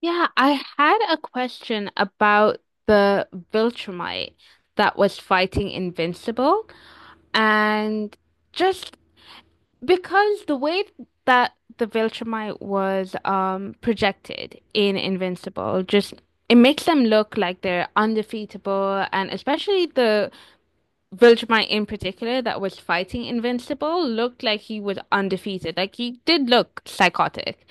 Yeah, I had a question about the Viltrumite that was fighting Invincible. And just because the way that the Viltrumite was projected in Invincible, just it makes them look like they're undefeatable, and especially the Vilgemite in particular that was fighting Invincible looked like he was undefeated. Like he did look psychotic.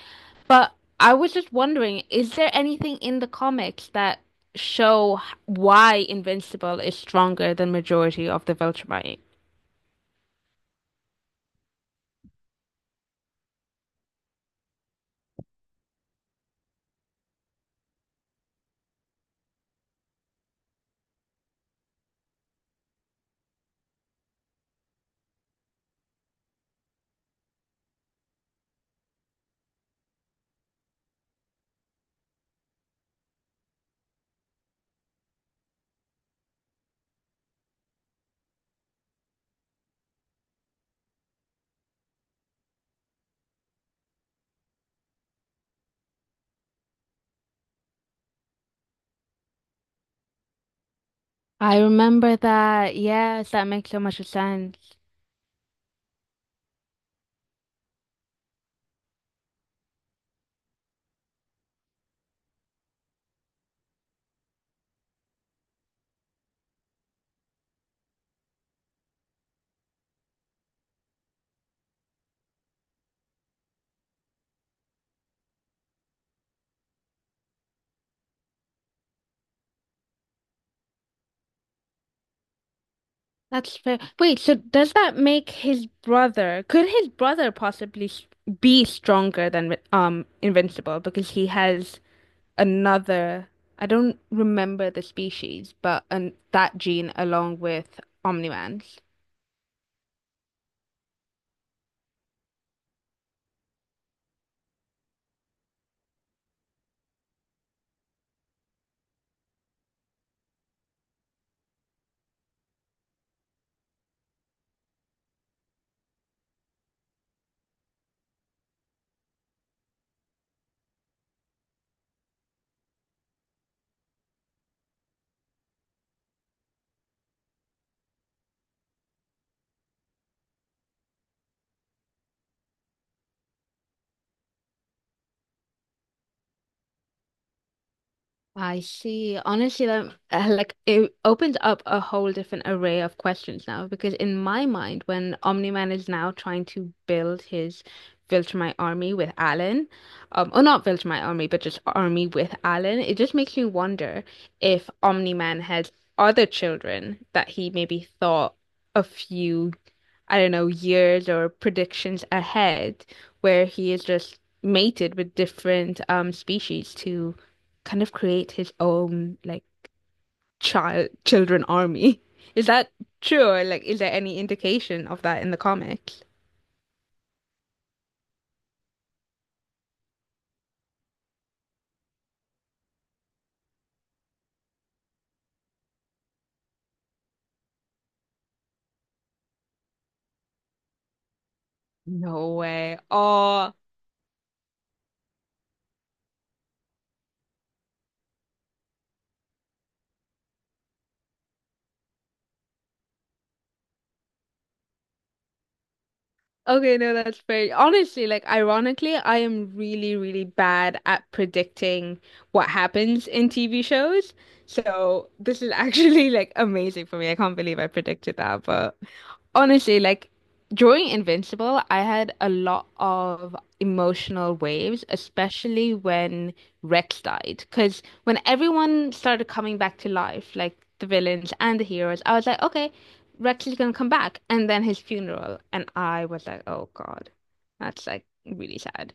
But I was just wondering, is there anything in the comics that show why Invincible is stronger than majority of the Viltrumite? I remember that. Yes, that makes so much sense. That's fair. Wait, so does that make his brother, could his brother be stronger than Invincible because he has another, I don't remember the species, but an that gene along with Omni-Man's. I see. Honestly, that like it opens up a whole different array of questions now because in my mind, when Omni-Man is now trying to build his Viltrumite army with Alan, or not Viltrumite army, but just army with Alan, it just makes me wonder if Omni-Man has other children that he maybe thought a few I don't know, years or predictions ahead where he is just mated with different species to kind of create his own like child children army. Is that true? Or like is there any indication of that in the comics? No way. Oh, okay, no, that's fair. Honestly, like ironically, I am really, really bad at predicting what happens in TV shows. So this is actually like amazing for me. I can't believe I predicted that. But honestly, like during Invincible, I had a lot of emotional waves, especially when Rex died. Because when everyone started coming back to life, like the villains and the heroes, I was like, okay. Radcliffe gonna come back? And then his funeral. And I was like, oh God, that's like really sad.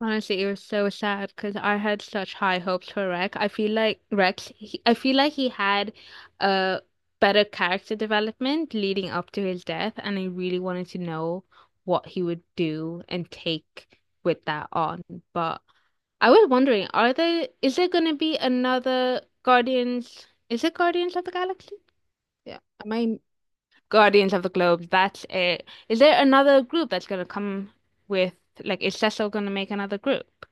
Honestly, it was so sad because I had such high hopes for Rex. I feel like Rex, I feel like he had a better character development leading up to his death, and I really wanted to know what he would do and take with that on. But I was wondering, are there is there gonna be another Guardians? Is it Guardians of the Galaxy? Yeah. Am I Guardians of the Globe. That's it. Is there another group that's gonna come with like is Cecil gonna make another group?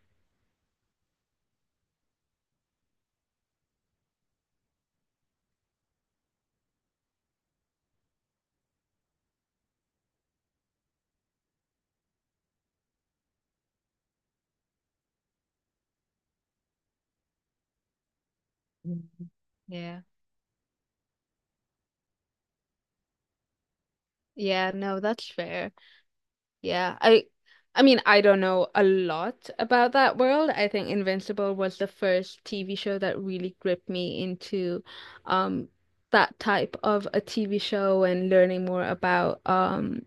Mm. Yeah. Yeah, no, that's fair. Yeah, I mean, I don't know a lot about that world. I think Invincible was the first TV show that really gripped me into um that type of a TV show and learning more about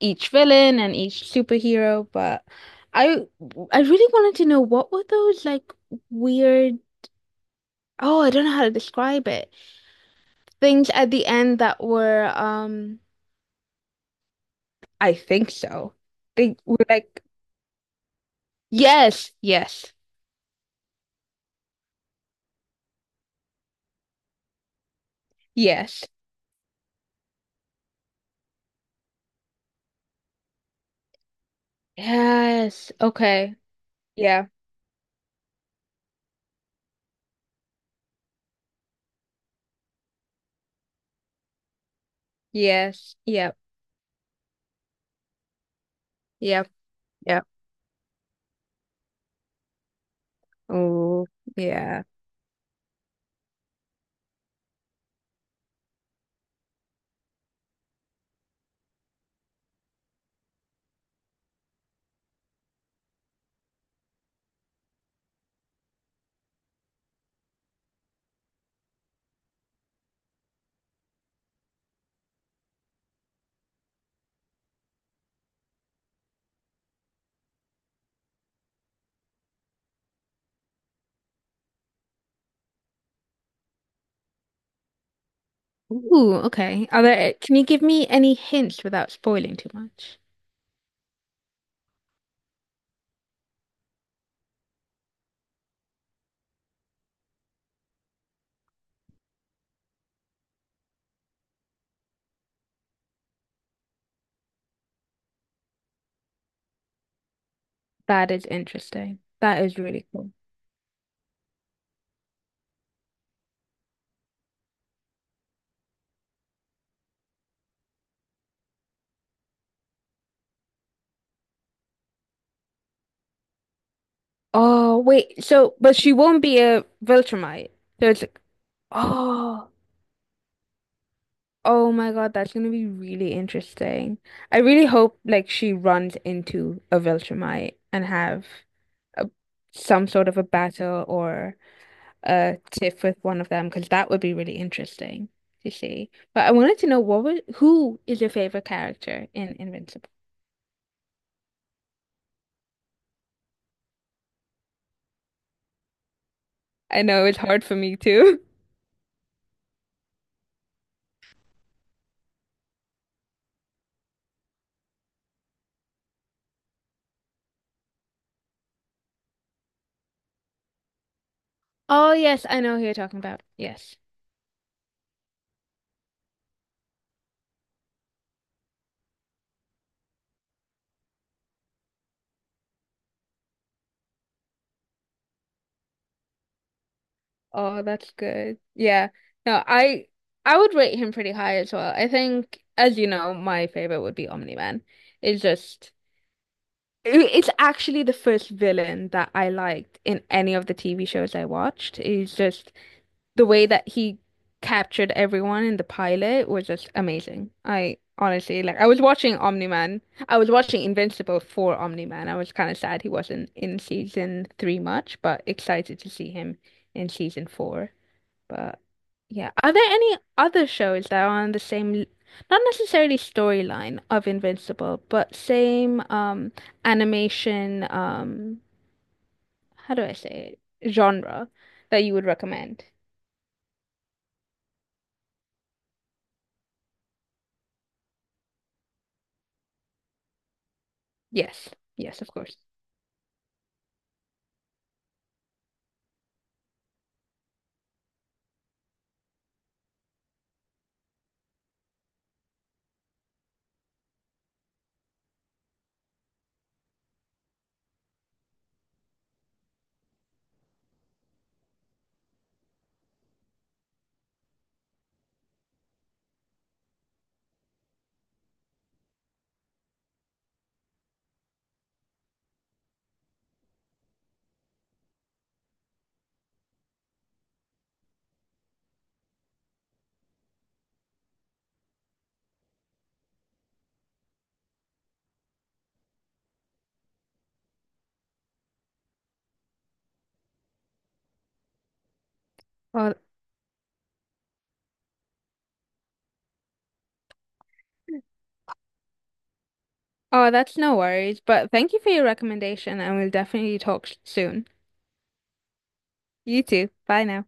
each villain and each superhero, but I I really wanted to know what were those like weird. Oh, I don't know how to describe it. Things at the end that were um. I think so. They were like yes, yes. Yes. Yes. Okay. Yeah. Yes. Yep. Yep. Yep. Oh, yeah. Ooh, okay. Are there, can you give me any hints without spoiling too much? That is interesting. That is really cool. Oh, wait. So, but she won't be a Viltrumite. So it's like, oh, oh my God, that's gonna be really interesting. I really hope like she runs into a Viltrumite and have a, some sort of a battle or a tiff with one of them because that would be really interesting to see. But I wanted to know what was who is your favorite character in Invincible? I know it's hard for me too. Oh yes, I know who you're talking about. Yes. Oh, that's good. Yeah. No, I would rate him pretty high as well. I think, as you know, my favorite would be Omni-Man. It's just it's actually the first villain that I liked in any of the TV shows I watched. He's just the way that he captured everyone in the pilot was just amazing. I honestly like I was watching Omni-Man. I was watching Invincible for Omni-Man. I was kind of sad he wasn't in season three much, but excited to see him in season four. But yeah, are there any other shows that are on the same, not necessarily storyline of Invincible, but same animation, how do I say it? Genre that you would recommend? Yes. Yes, of course. Oh, oh, that's no worries. But thank you for your recommendation, and we'll definitely soon. You too. Bye now.